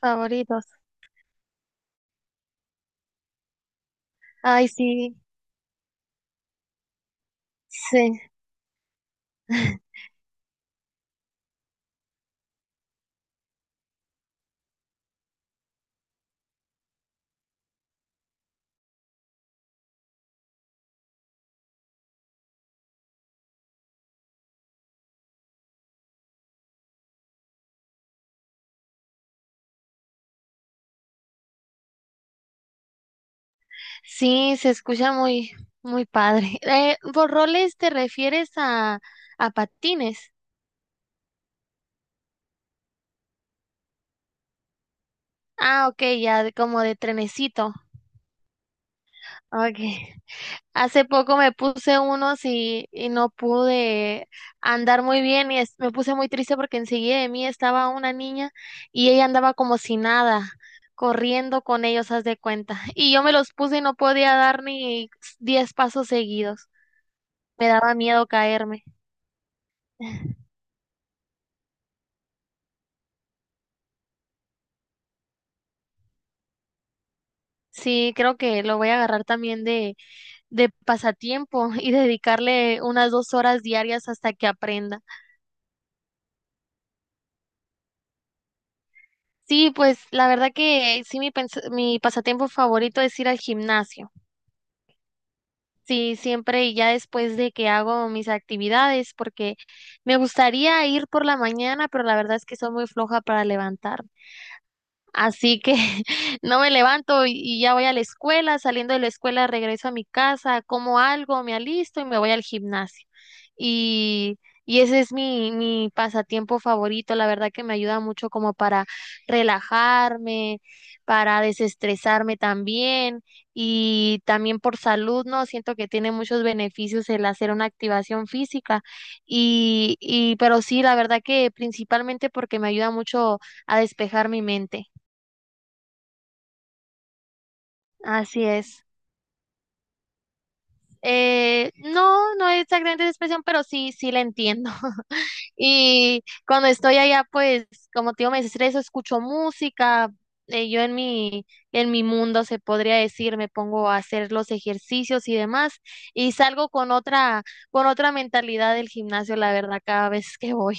Favoritos. Ay, sí, sí, sí, se escucha muy, muy padre. ¿Por roles te refieres a patines? Ah, ok, ya como de trenecito. Ok. Hace poco me puse unos y no pude andar muy bien y me puse muy triste porque enseguida de mí estaba una niña y ella andaba como si nada, corriendo con ellos, haz de cuenta. Y yo me los puse y no podía dar ni 10 pasos seguidos. Me daba miedo caerme. Sí, creo que lo voy a agarrar también de pasatiempo y dedicarle unas 2 horas diarias hasta que aprenda. Sí, pues la verdad que sí, mi pasatiempo favorito es ir al gimnasio. Sí, siempre y ya después de que hago mis actividades, porque me gustaría ir por la mañana, pero la verdad es que soy muy floja para levantar. Así que no me levanto y ya voy a la escuela, saliendo de la escuela regreso a mi casa, como algo, me alisto y me voy al gimnasio. Y, y ese es mi pasatiempo favorito, la verdad que me ayuda mucho como para relajarme, para desestresarme también y también por salud, ¿no? Siento que tiene muchos beneficios el hacer una activación física y pero sí, la verdad que principalmente porque me ayuda mucho a despejar mi mente. Así es. No, no es esa gran expresión, pero sí, sí la entiendo. Y cuando estoy allá, pues, como te digo, me estreso, escucho música. Yo en mi, mundo, se podría decir, me pongo a hacer los ejercicios y demás, y salgo con otra mentalidad del gimnasio, la verdad, cada vez que voy.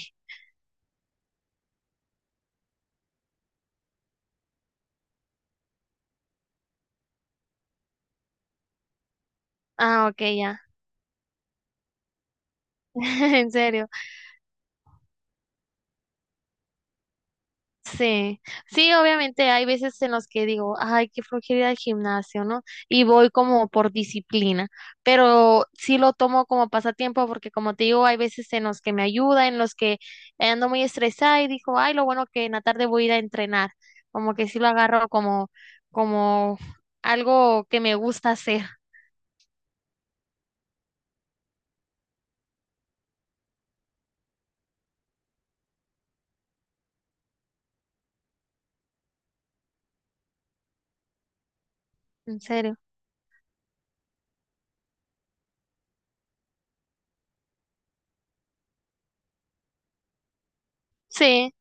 Ah, ok, ya. En serio. Sí, sí, obviamente hay veces en los que digo, ay, qué flojera ir al gimnasio, ¿no? Y voy como por disciplina, pero sí lo tomo como pasatiempo porque como te digo, hay veces en los que me ayuda, en los que ando muy estresada y digo, ay, lo bueno que en la tarde voy a ir a entrenar, como que sí lo agarro como algo que me gusta hacer, en serio. Sí,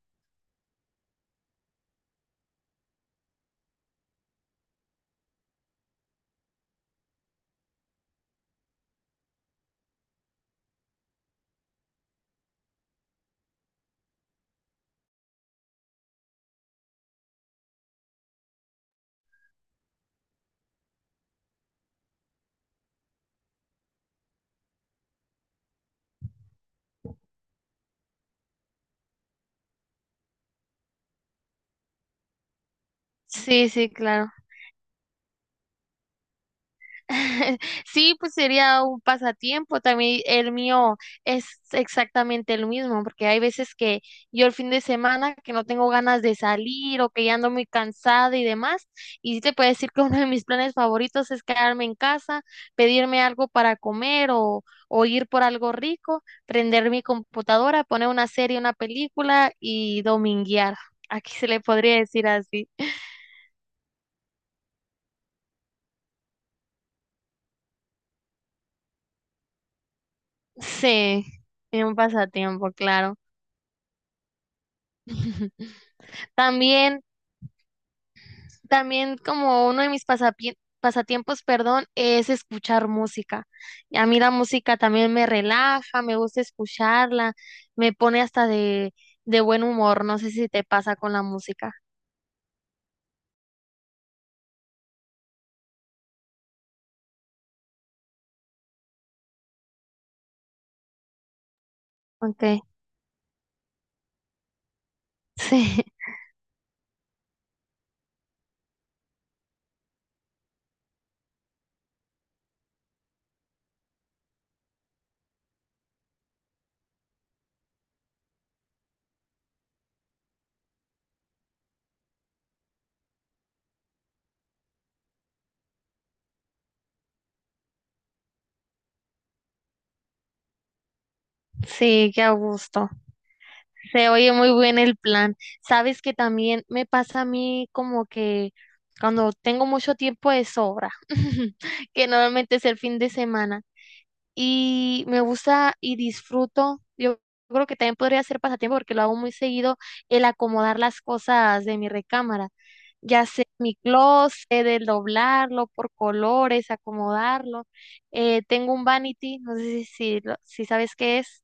sí, sí, claro. Sí, pues sería un pasatiempo. También el mío es exactamente lo mismo, porque hay veces que yo el fin de semana que no tengo ganas de salir o que ya ando muy cansada y demás. Y sí te puedo decir que uno de mis planes favoritos es quedarme en casa, pedirme algo para comer o ir por algo rico, prender mi computadora, poner una serie, una película y dominguear. Aquí se le podría decir así. Sí, es un pasatiempo, claro. También, también como uno de mis pasatiempos, perdón, es escuchar música. Y a mí la música también me relaja, me gusta escucharla, me pone hasta de, buen humor. No sé si te pasa con la música. Okay. Sí, sí, qué a gusto. Se oye muy bien el plan. Sabes que también me pasa a mí como que cuando tengo mucho tiempo de sobra, que normalmente es el fin de semana. Y me gusta y disfruto. Yo creo que también podría ser pasatiempo porque lo hago muy seguido, el acomodar las cosas de mi recámara, ya sea mi closet, el doblarlo por colores, acomodarlo. Tengo un vanity, no sé si sabes qué es.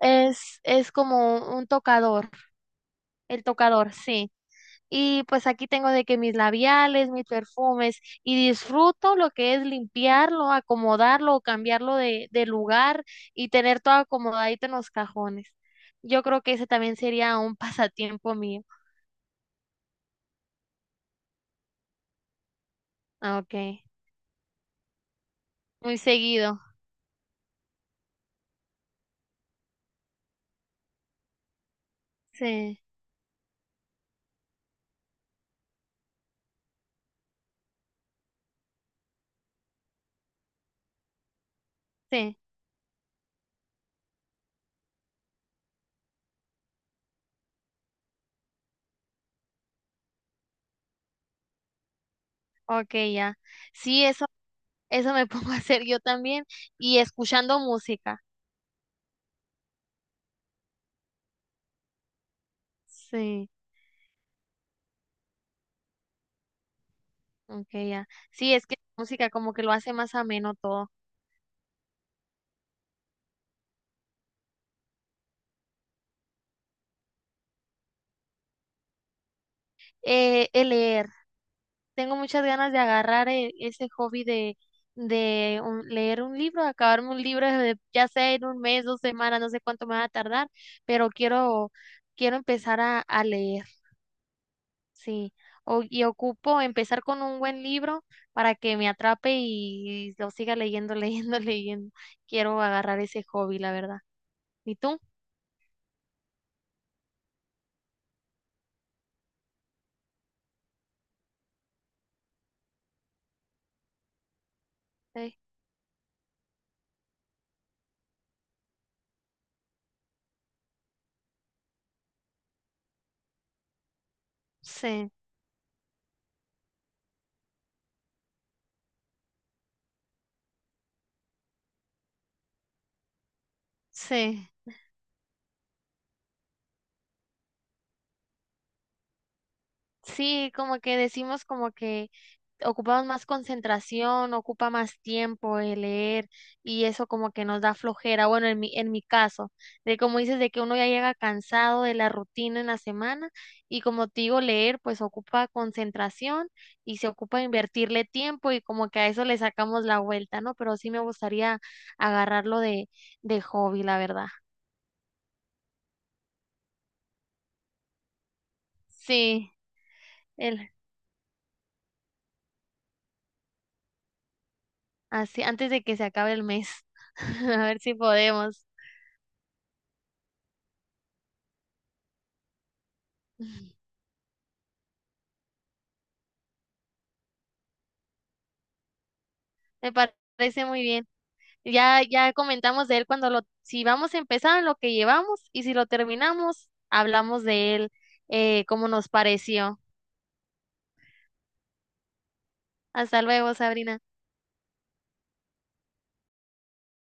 Es como un tocador, el tocador, sí. Y pues aquí tengo de que mis labiales, mis perfumes, y disfruto lo que es limpiarlo, acomodarlo o cambiarlo de, lugar y tener todo acomodadito en los cajones. Yo creo que ese también sería un pasatiempo mío. Ah, okay, muy seguido. Sí, sí, okay, ya. Sí, eso me pongo a hacer yo también y escuchando música. Sí, okay, ya. Sí, es que la música como que lo hace más ameno todo. El leer. Tengo muchas ganas de agarrar ese hobby de leer un libro, acabarme un libro, ya sea en un mes, 2 semanas, no sé cuánto me va a tardar, pero quiero empezar a leer, sí. Y ocupo empezar con un buen libro para que me atrape y lo siga leyendo, leyendo, leyendo. Quiero agarrar ese hobby, la verdad. ¿Y tú? Sí, sí, sí. Sí, como que decimos como que ocupamos más concentración, ocupa más tiempo el leer y eso como que nos da flojera, bueno, en mi, caso, de como dices, de que uno ya llega cansado de la rutina en la semana y como te digo, leer pues ocupa concentración y se ocupa invertirle tiempo y como que a eso le sacamos la vuelta, ¿no? Pero sí me gustaría agarrarlo de hobby, la verdad. Sí, el, así, antes de que se acabe el mes, a ver si podemos. Me parece muy bien. Ya, ya comentamos de él cuando si vamos a empezar en lo que llevamos y si lo terminamos, hablamos de él, cómo nos pareció. Hasta luego, Sabrina.